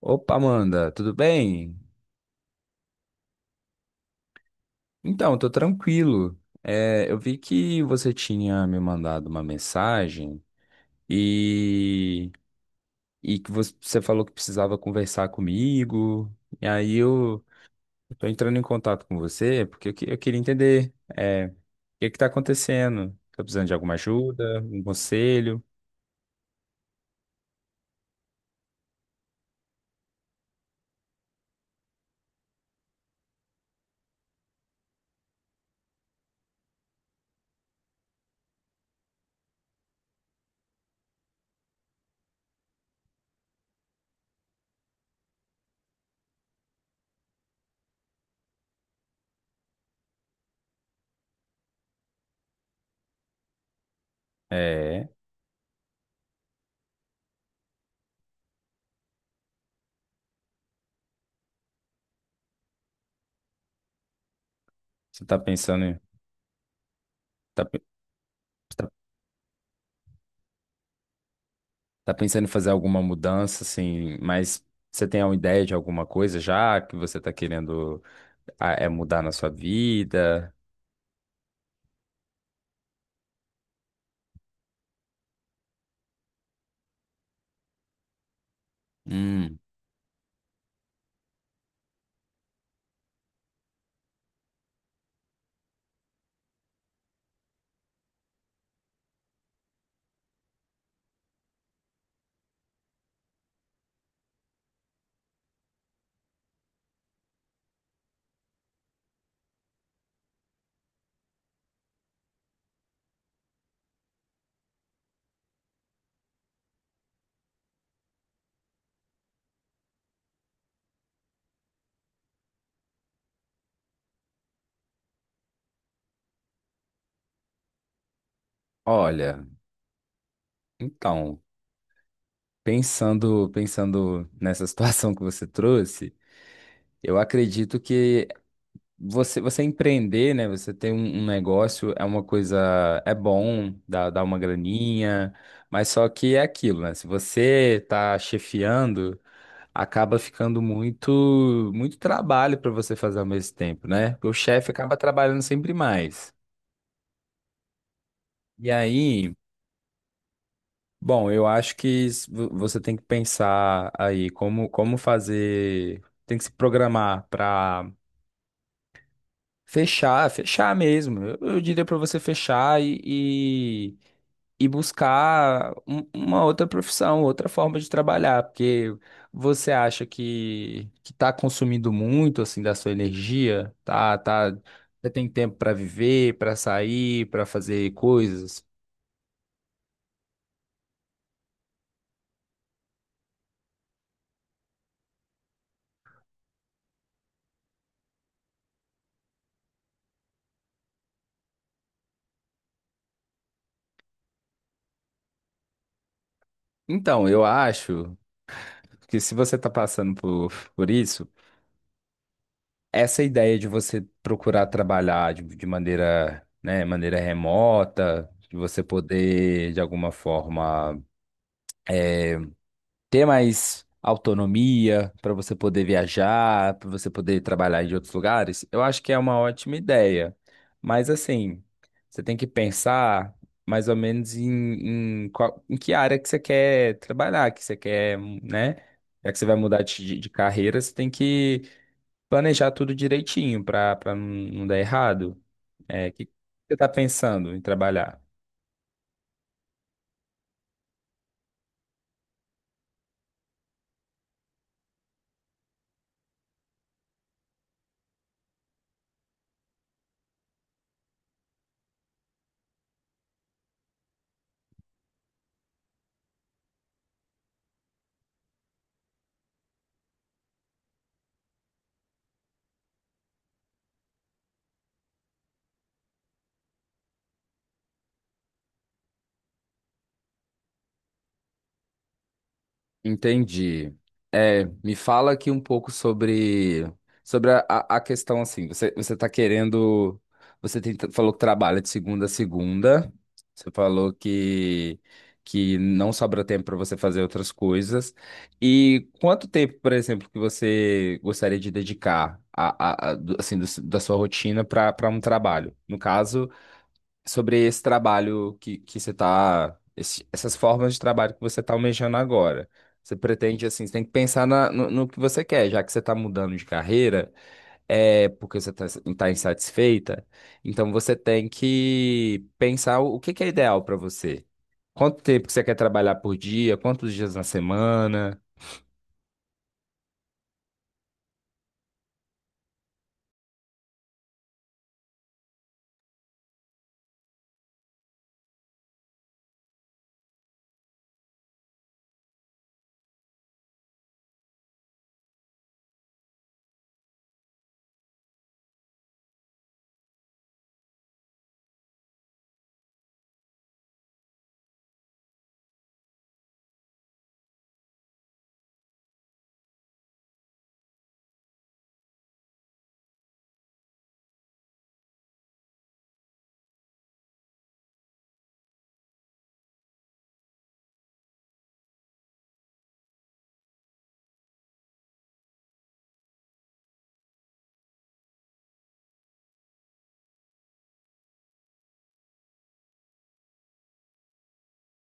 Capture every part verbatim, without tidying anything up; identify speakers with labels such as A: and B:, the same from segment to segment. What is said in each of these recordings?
A: Opa, Amanda, tudo bem? Então, tô tranquilo. É, eu vi que você tinha me mandado uma mensagem e, e que você você falou que precisava conversar comigo. E aí eu eu tô entrando em contato com você porque eu, que- eu queria entender, é, o que é que tá acontecendo? Tô precisando de alguma ajuda, um conselho? É, você tá pensando, em- tá, pe- tá Tá pensando em fazer alguma mudança, assim, mas você tem uma ideia de alguma coisa já que você tá querendo ah, é mudar na sua vida? Hum, olha, então, pensando, pensando nessa situação que você trouxe, eu acredito que você, você empreender, né? Você ter um, um negócio é uma coisa, é bom, dá, dá uma graninha, mas só que é aquilo, né? Se você tá chefiando, acaba ficando muito muito trabalho para você fazer ao mesmo tempo, né? Porque o chefe acaba trabalhando sempre mais. E aí, bom, eu acho que s- vo- você tem que pensar aí como como fazer, tem que se programar para Fechar, fechar mesmo. Eu, eu diria pra você fechar e, e, e buscar um- uma outra profissão, outra forma de trabalhar, porque você acha que que tá consumindo muito assim da sua energia, tá, tá, você tem tempo pra viver, pra sair, pra fazer coisas. Então, eu acho que se você tá passando por, por isso, essa ideia de você procurar trabalhar de, de maneira, né, maneira remota, de você poder, de alguma forma, ter mais autonomia para você poder viajar, para você poder trabalhar em outros lugares, eu acho que é uma ótima ideia. Mas, assim, você tem que pensar mais ou menos em, em, qual- em que área que você quer trabalhar, que você quer, né? Já que você vai mudar de, de de carreira, você tem que planejar tudo direitinho para para não dar errado. É, o que você está pensando em trabalhar? Entendi. É, me fala aqui um pouco sobre, sobre a, a a questão assim. Você, você tá querendo. Você tem- falou que trabalha de segunda a segunda. Você falou que, que não sobra tempo para você fazer outras coisas. E quanto tempo, por exemplo, que você gostaria de dedicar a, a- a- do- assim, do- da sua rotina para para um trabalho? No caso, sobre esse trabalho que, que você está, essas formas de trabalho que você está almejando agora. Você pretende, assim, você tem que pensar na- no, no que você quer, já que você está mudando de carreira, é porque você está tá insatisfeita, então você tem que pensar o, o que que é ideal para você. Quanto tempo que você quer trabalhar por dia, quantos dias na semana?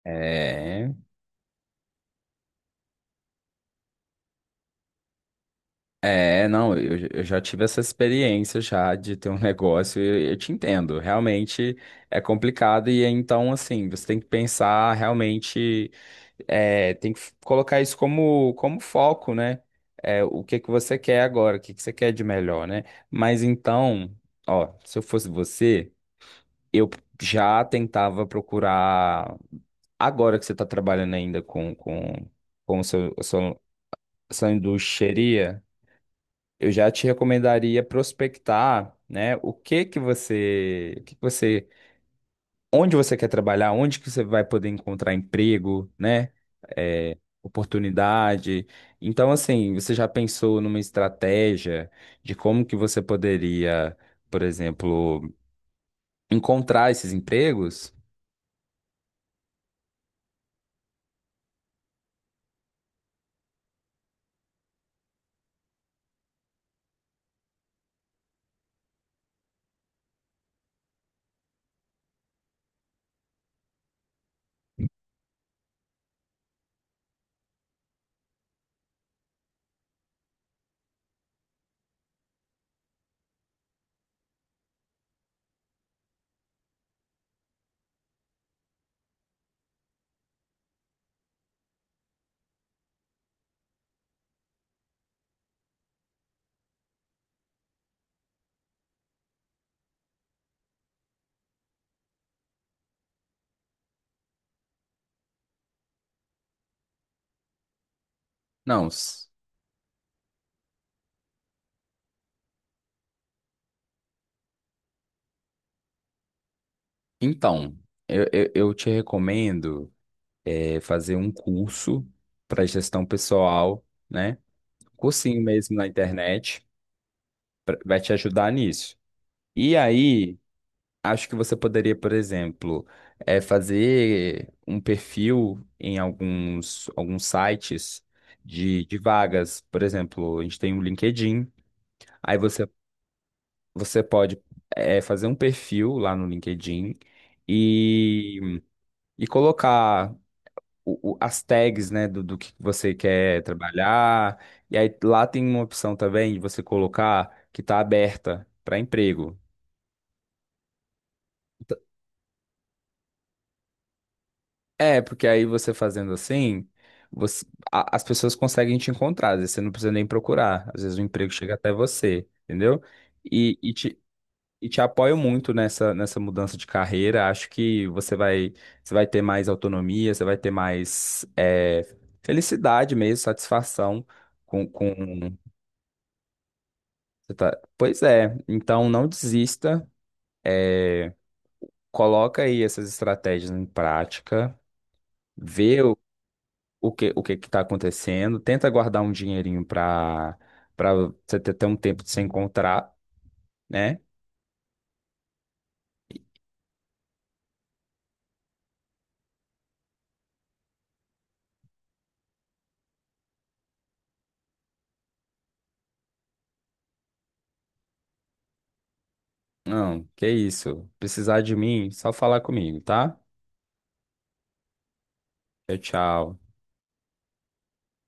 A: É. É, não, eu eu já tive essa experiência já de ter um negócio e eu te entendo. Realmente é complicado e então, assim, você tem que pensar realmente, é, tem que colocar isso como, como foco, né? É, o que que você quer agora, o que que você quer de melhor, né? Mas então, ó, se eu fosse você, eu já tentava procurar agora que você está trabalhando ainda com, com, com o seu, a sua, a sua, eu já te recomendaria prospectar, né, o que que você, o que que você, onde você quer trabalhar, onde que você vai poder encontrar emprego, né, é, oportunidade. Então, assim, você já pensou numa estratégia de como que você poderia, por exemplo, encontrar esses empregos? Não. s- Então, eu, eu, eu te recomendo é, fazer um curso para gestão pessoal, né? Cursinho mesmo na internet, pra- vai te ajudar nisso. E aí, acho que você poderia, por exemplo, é, fazer um perfil em alguns, alguns sites de, de vagas. Por exemplo, a gente tem o LinkedIn, aí você, você pode é, fazer um perfil lá no LinkedIn e, e colocar o- o- as tags, né, do, do que você quer trabalhar. E aí lá tem uma opção também de você colocar que está aberta para emprego. É, porque aí você fazendo assim, você- a- as pessoas conseguem te encontrar, às vezes você não precisa nem procurar, às vezes o emprego chega até você, entendeu? E, e te, e te apoio muito nessa, nessa mudança de carreira, acho que você vai, você vai ter mais autonomia, você vai ter mais é, felicidade mesmo, satisfação com, com... Você tá- Pois é, então não desista, coloca aí essas estratégias em prática, vê o que o que que tá acontecendo, tenta guardar um dinheirinho para para você ter, ter um tempo de se encontrar, né? Não, que isso. Precisar de mim, só falar comigo, tá? Tchau, tchau.